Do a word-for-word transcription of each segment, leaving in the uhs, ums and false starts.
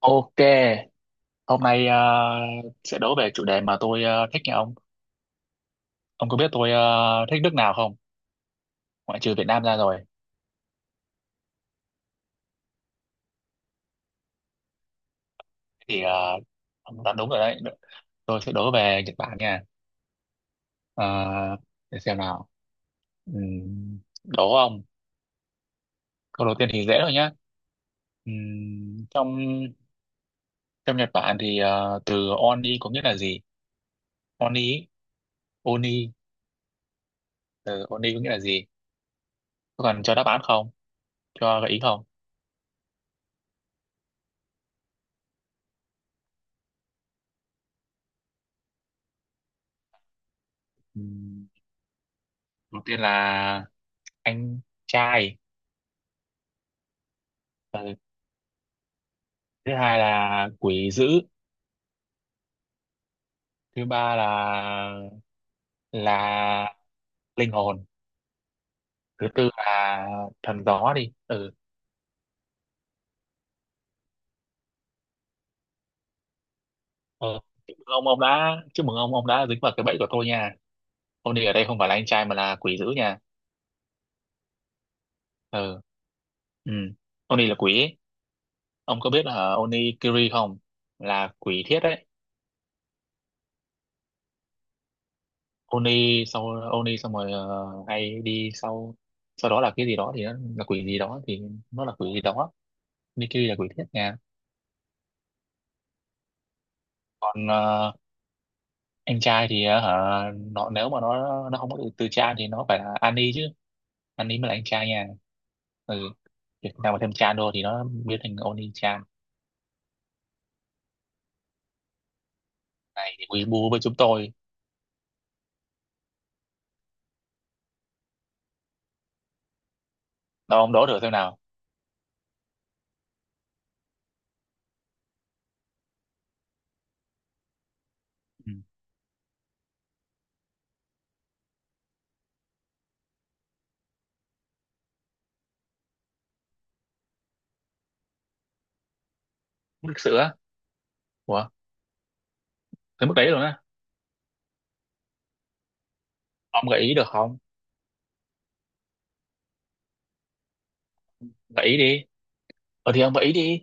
Ok, hôm nay ờ, sẽ đố về chủ đề mà tôi ờ, thích nha ông. Ông có biết tôi ờ, thích nước nào không? Ngoại trừ Việt Nam ra rồi. Thì ờ, ông đoán đúng rồi đấy. Tôi sẽ đố về Nhật Bản nha. Ờ, để xem nào. Ừm, đố ông. Câu đầu tiên thì dễ thôi nhá. Ừm, trong Trong Nhật Bản thì ờ, từ Oni có nghĩa là gì? Oni, Oni, từ Oni có nghĩa là gì? Có cần cho đáp án không? Cho gợi ý không? Ừm, Đầu tiên là anh trai. Ừ, thứ hai là quỷ dữ, thứ ba là là linh hồn, thứ tư là thần gió đi, ừ ờ. Chúc mừng ông, ông đã chúc mừng ông ông đã dính vào cái bẫy của tôi nha. Ông đi ở đây không phải là anh trai mà là quỷ dữ nha. Ừ, ừ, ông là quỷ ấy. Ông có biết là Oni Kiri không, là quỷ thiết đấy. Oni sau Oni xong rồi ờ, hay đi sau sau đó là cái gì đó thì nó là quỷ gì đó thì nó là quỷ gì đó. Oni Kiri là quỷ thiết nha. Còn ờ, anh trai thì ờ, hả, nó nếu mà nó nó không có từ, từ cha thì nó phải là Annie chứ, Annie mới là anh trai nha. Ừ, việc nào mà thêm chan vô thì nó biến thành Oni chan. Này thì quý bu với chúng tôi. Đâu ông đố thử xem nào. Ừ. Mức lịch sự á. Ủa, tới mức đấy rồi á? Ông gợi ý được không? Gợi ý đi. Ờ thì ông gợi ý đi.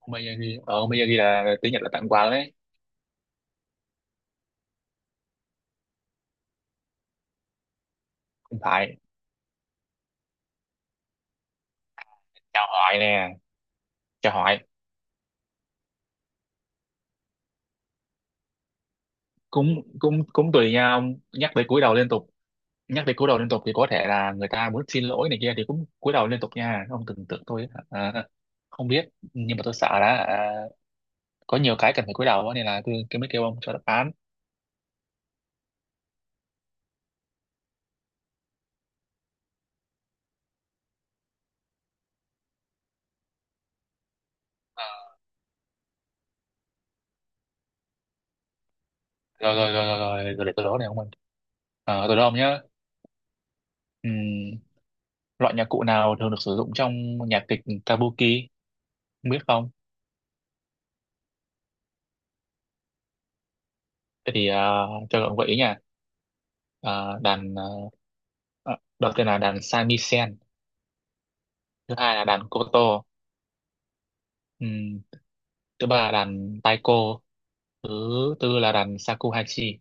ông bây giờ ghi ờ Ông bây giờ ghi là tiếng Nhật là tặng quà đấy. Không phải. Chào hỏi nè, chào hỏi. Cũng cũng cũng tùy nha ông. Nhắc tới cúi đầu liên tục, nhắc đến cúi đầu liên tục thì có thể là người ta muốn xin lỗi này kia thì cũng cúi đầu liên tục nha. Ông tưởng tượng tôi ấy, à, không biết. Nhưng mà tôi sợ là à, có nhiều cái cần phải cúi đầu á, nên là tôi, tôi mới kêu ông cho đáp án. À, rồi rồi rồi rồi, rồi, rồi để tôi đó này ông ơi. À, tôi đó ông nhá. Ừm, Loại nhạc cụ nào thường được sử dụng trong nhạc kịch Kabuki, không biết không? Thế thì à, cho ông gợi ý nha. À, đàn à, à, Đầu tiên là đàn shamisen, thứ hai là đàn koto, thứ ba là đàn taiko, thứ tư là đàn shakuhachi.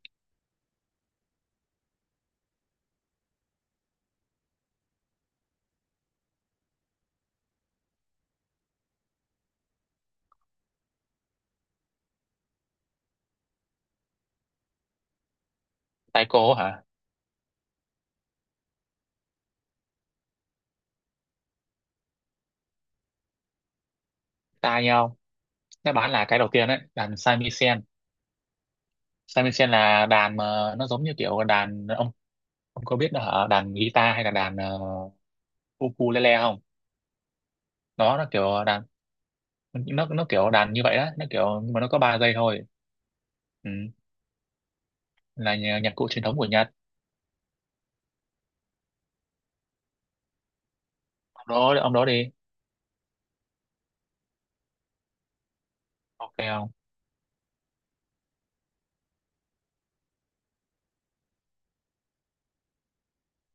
Taiko hả? Ta nhau, nó bán là cái đầu tiên đấy, đàn samisen. Samisen là đàn mà nó giống như kiểu đàn ông ông có biết nó hả, đàn guitar hay là đàn uh, ukulele không. Nó nó kiểu đàn nó nó kiểu đàn như vậy đó, nó kiểu nhưng mà nó có ba dây thôi. Ừ. Là nhạc, nhạc cụ truyền thống của Nhật. Ông đó ông đó đi. Ok không.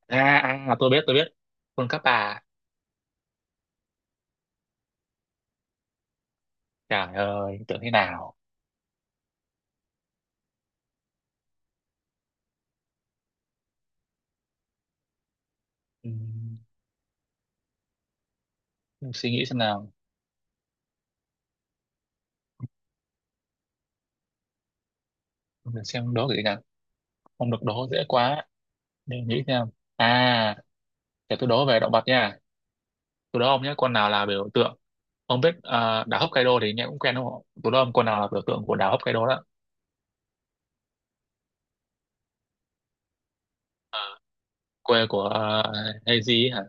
à, à À, tôi biết, tôi biết. Quân cấp Kappa. Trời ơi, tưởng thế nào. Ừ. Suy nghĩ xem nào. Để xem đố cái gì nhỉ, không được đố dễ quá, để nghĩ xem. À, để tôi đố về động vật nha. Tôi đố ông nhé, con nào là biểu tượng, ông biết à, đảo Hokkaido thì nghe cũng quen đúng không, tôi đố ông con nào là biểu tượng của đảo Hokkaido đó. Quê của uh, Heiji hả.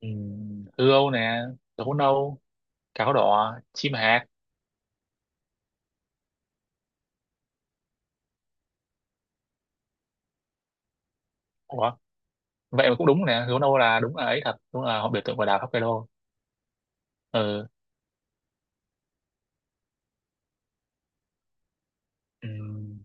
Ừm, hươu Âu nè, gấu nâu, cáo đỏ, chim hạc. Ủa? Vậy mà cũng đúng nè, hươu nâu là đúng, là ấy, thật đúng là họ biểu tượng của đảo Hokkaido. Ừ. Ừm.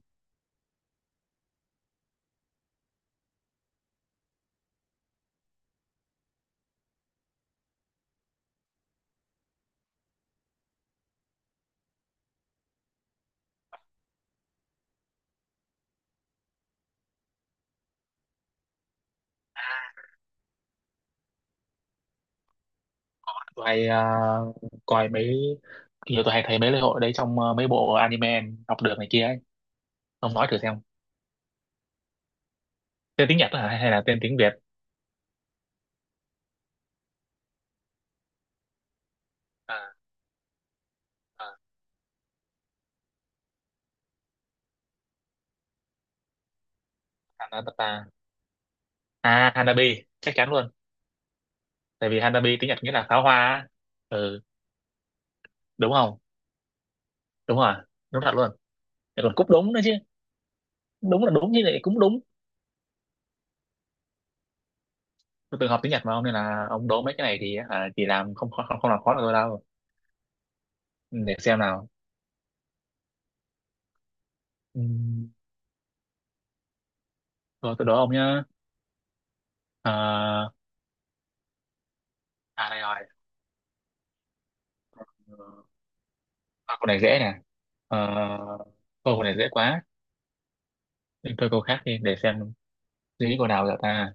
Tụi hay à, coi mấy nhiều tụi hay thấy mấy lễ hội đấy trong à, mấy bộ anime học được này kia ấy. Ông nói thử xem. Tên tiếng Nhật đó hả hay là tên tiếng Việt? à, à, Hanabata, à, Hanabi chắc chắn luôn. Tại vì Hanabi tiếng Nhật nghĩa là pháo hoa á. Ừ, đúng không. Đúng rồi, đúng thật luôn. Lại còn cúp đúng nữa chứ, đúng là đúng chứ lại cũng đúng. Tôi từng học tiếng Nhật mà ông, nên là ông đố mấy cái này thì à, chỉ làm không không không làm khó được tôi đâu. Ừ, để xem nào. Ừm, Rồi tôi đố ông nhá. à, à Đây rồi. À, câu này dễ nè. Ờ, câu này dễ quá. Mình thôi câu khác đi, để xem suy nghĩ câu nào giờ ta.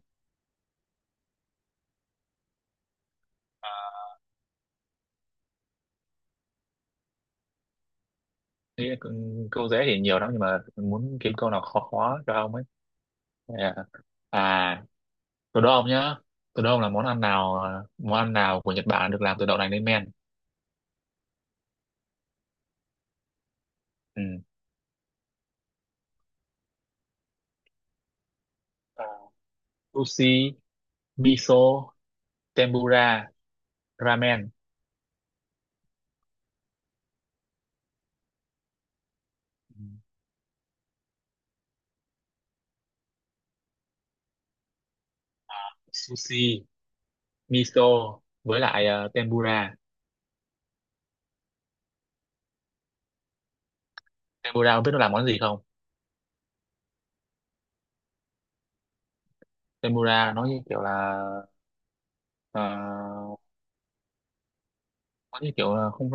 Nghĩ là câu câu dễ thì nhiều lắm nhưng mà muốn kiếm câu nào khó khó cho ông ấy. À, à từ đô ông nhá. Từ đô ông là món ăn nào, món ăn nào của Nhật Bản được làm từ đậu nành lên men. Ừ. À, sushi, miso, tempura, ramen. Ừ. Sushi, miso với lại ờ, tempura. Tempura ông biết nó làm món gì không? Tempura nó như kiểu là, ờ, có cái kiểu là không,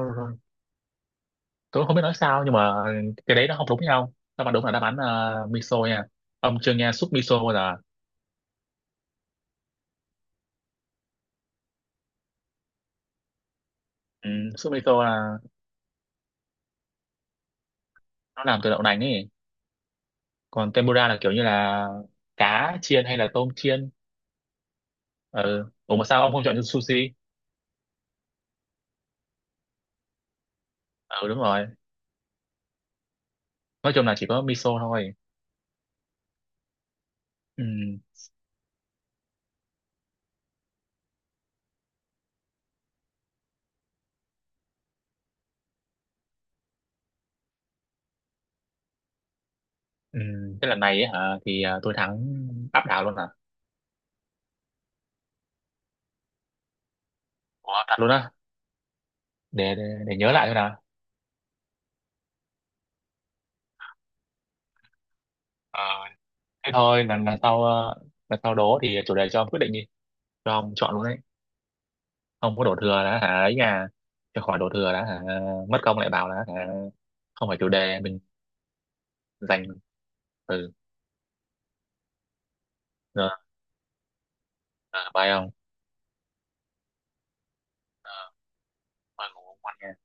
tôi không biết nói sao nhưng mà cái đấy nó không đúng nhau, đáp án đúng là đáp án uh, miso nha. Ông chưa nghe súp miso bao giờ? Ừ, súp miso là nó làm từ đậu nành ấy. Còn tempura là kiểu như là cá chiên hay là tôm chiên. Ừ. Ủa mà sao ông không chọn sushi? Ừ đúng rồi. Nói chung là chỉ có miso thôi. Ừ. Ừ. Cái lần này ấy, hả, thì à, tôi thắng áp đảo luôn à. Ủa, thật luôn á? Để, để để nhớ lại thôi nào. Ờ, thế thôi, lần lần sau ờ, lần sau đố thì chủ đề cho ông quyết định đi, cho ông chọn luôn đấy. Không có đổ thừa đã hả ấy nhà, cho khỏi đổ thừa đã hả, mất công lại bảo là hả không phải chủ đề mình, dành từ giờ bye ông. Ờ, thôi ngủ ngon nha.